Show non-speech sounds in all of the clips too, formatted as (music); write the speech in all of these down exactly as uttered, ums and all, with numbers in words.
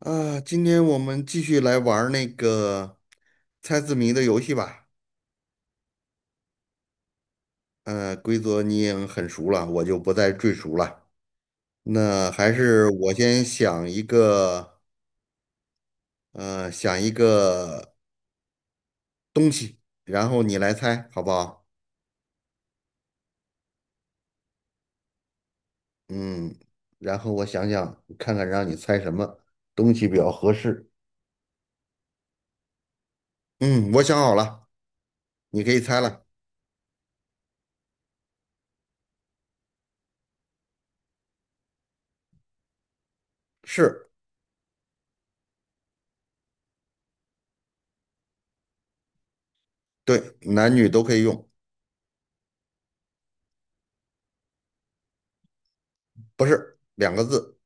啊，今天我们继续来玩儿那个猜字谜的游戏吧。呃，规则你也很熟了，我就不再赘述了。那还是我先想一个，呃，想一个东西，然后你来猜，好不好？嗯，然后我想想，看看让你猜什么东西比较合适。嗯，我想好了，你可以猜了。是，对，男女都可以用，不是两个字，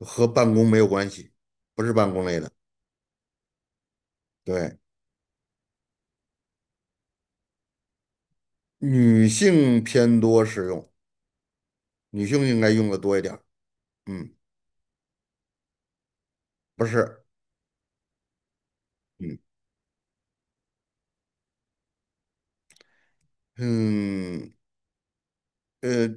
和办公没有关系，不是办公类的。对，女性偏多使用，女性应该用的多一点儿。嗯，不是，嗯嗯呃，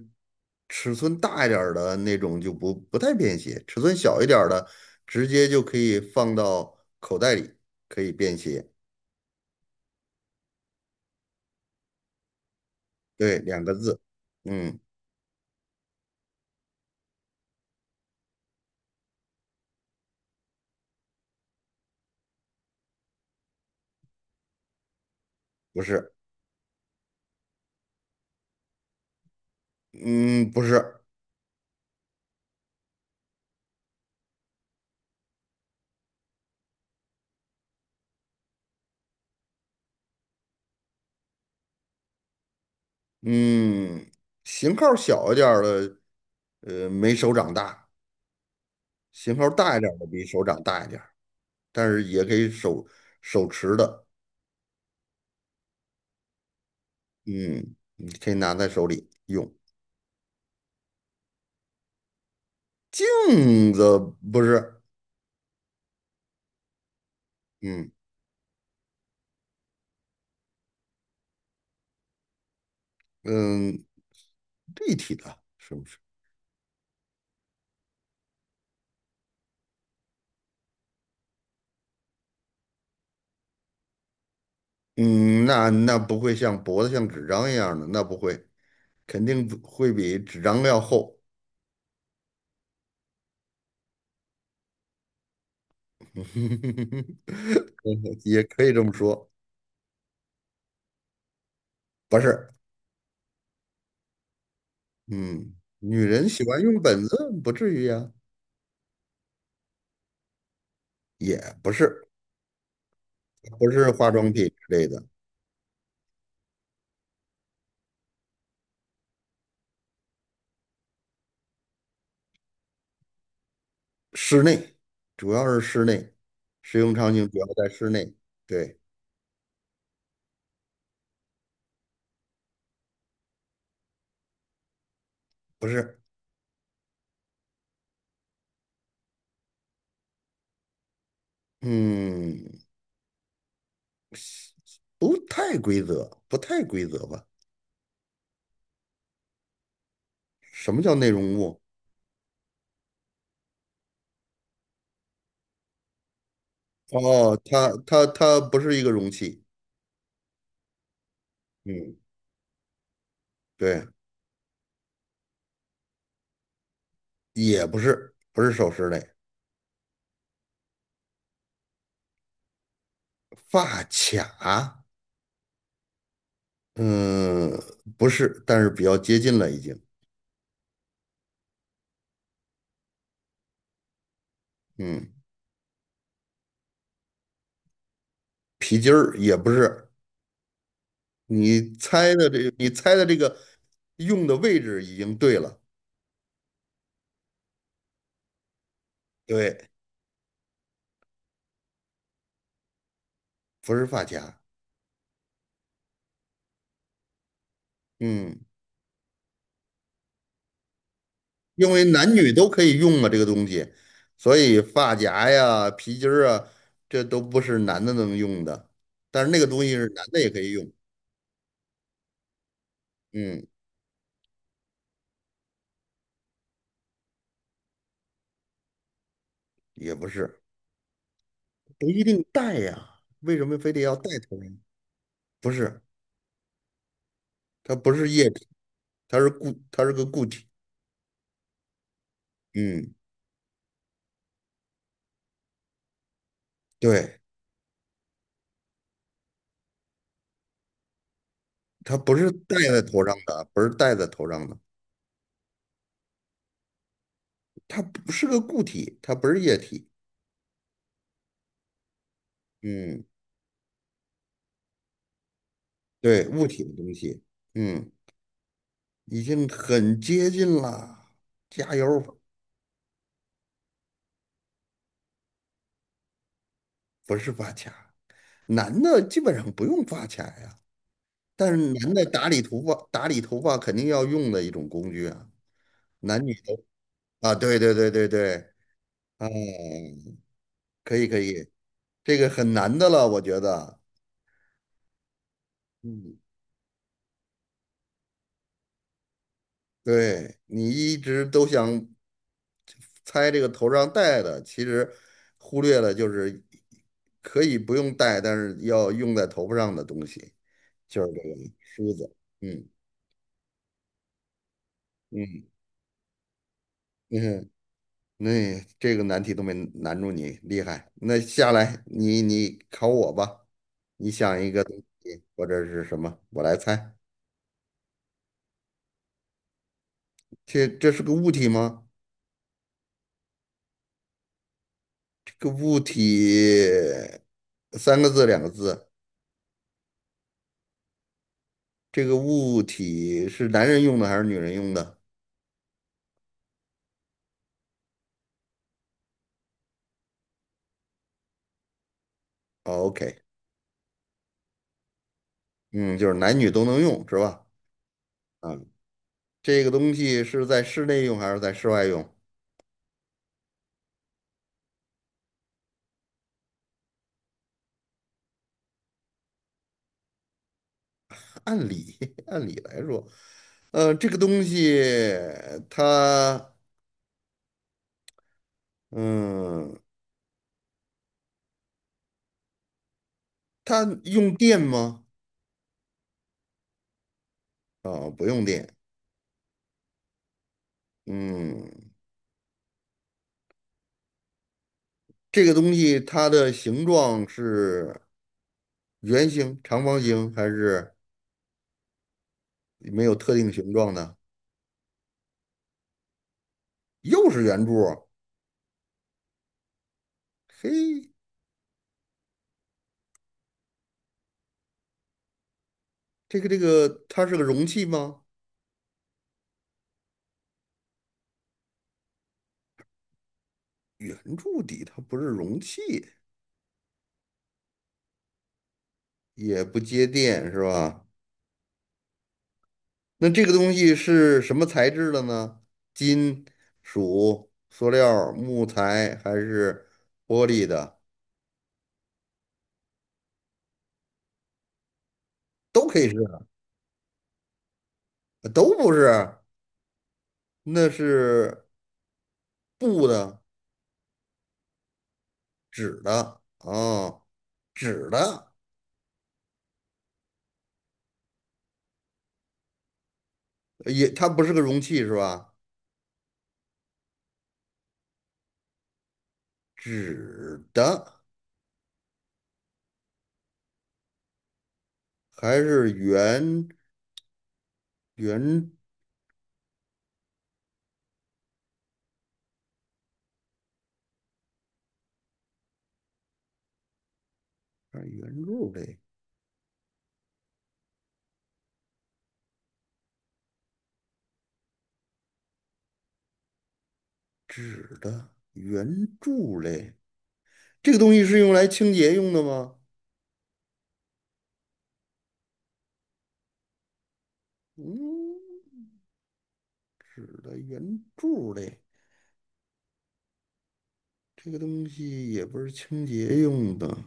尺寸大一点儿的那种就不不太便携，尺寸小一点儿的直接就可以放到口袋里，可以便携。对，两个字。嗯，不是，嗯不是，嗯，型号小一点儿的，呃，没手掌大，型号大一点儿的比手掌大一点儿，但是也可以手手持的。嗯，你可以拿在手里用。镜子不是，嗯嗯，立体的，是不是？嗯，那那不会像脖子像纸张一样的，那不会，肯定不会比纸张要厚。(laughs) 也可以这么说，不是，嗯，女人喜欢用本子，不至于呀，也不是，不是化妆品之类的，室内，主要是室内，使用场景主要在室内，对，不是。嗯，不太规则，不太规则吧？什么叫内容物？哦，它它它不是一个容器，嗯，对，也不是，不是首饰类，发卡，嗯，不是，但是比较接近了已经，嗯，皮筋儿也不是，你猜的这，你猜的这个用的位置已经对了，对，不是发卡，嗯，因为男女都可以用嘛，这个东西，所以发夹呀、皮筋儿啊，这都不是男的能用的。但是那个东西是男的也可以用，嗯，也不是，不一定戴呀，为什么非得要戴头上？不是，它不是液体，它是固，它是个固体。嗯，对，它不是戴在头上的，不是戴在头上的，它不是个固体，它不是液体。嗯，对，物体的东西，嗯，已经很接近了，加油！不是发卡，男的基本上不用发卡呀，但是男的打理头发，打理头发肯定要用的一种工具啊，男女都啊，对对对对对，啊，可以可以，这个很难的了，我觉得，嗯，对你一直都想猜这个头上戴的，其实忽略了就是可以不用戴，但是要用在头发上的东西，就是这个梳子，嗯嗯嗯。那、这个难题都没难住你，厉害。那下来你你考我吧，你想一个东西或者是什么，我来猜。这这是个物体吗？这个物体三个字两个字，这个物体是男人用的还是女人用的哦？OK，嗯，就是男女都能用是吧？啊，这个东西是在室内用还是在室外用？按理 (laughs) 按理来说，呃，这个东西它。嗯，它用电吗？啊，不用电。嗯，这个东西它的形状是圆形、长方形，还是没有特定形状的？又是圆柱儿嘿，这个这个，它是个容器吗？圆柱底，它不是容器，也不接电，是吧？那这个东西是什么材质的呢？金属、塑料、木材还是玻璃的？都可以是。呃都不是，那是布的、纸的啊，纸的也，它不是个容器是吧？纸的还是圆圆啊圆柱类，纸的圆柱类，这个东西是用来清洁用的吗？嗯，纸的圆柱类，这个东西也不是清洁用的，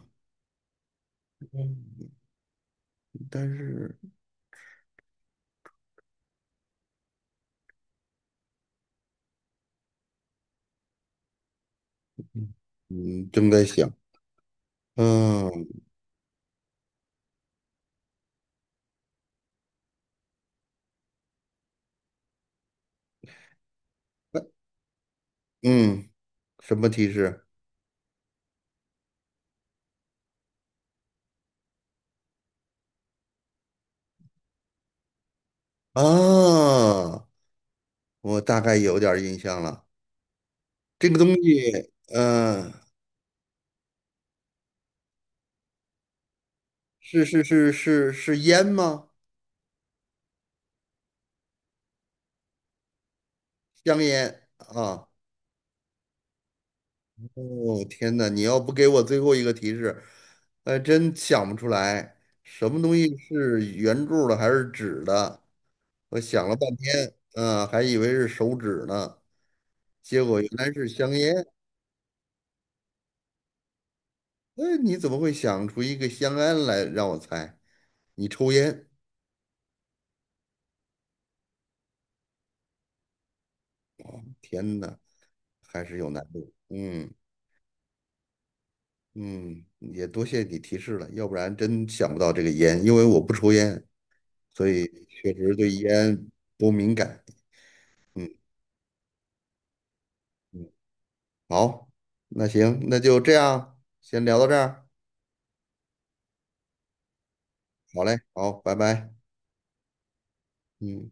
嗯但是嗯，正在想，嗯嗯。什么提示？啊，我大概有点儿印象了。这个东西，嗯、是是是是是烟吗？香烟啊。哦，天哪！你要不给我最后一个提示，还真想不出来，什么东西是圆柱的还是纸的？我想了半天，嗯、还以为是手指呢，结果原来是香烟。哎，你怎么会想出一个香烟来让我猜？你抽烟？天哪！还是有难度。嗯嗯，也多谢你提示了，要不然真想不到这个烟，因为我不抽烟，所以确实对烟不敏感。嗯嗯，好，那行，那就这样，先聊到这儿。好嘞，好，拜拜。嗯。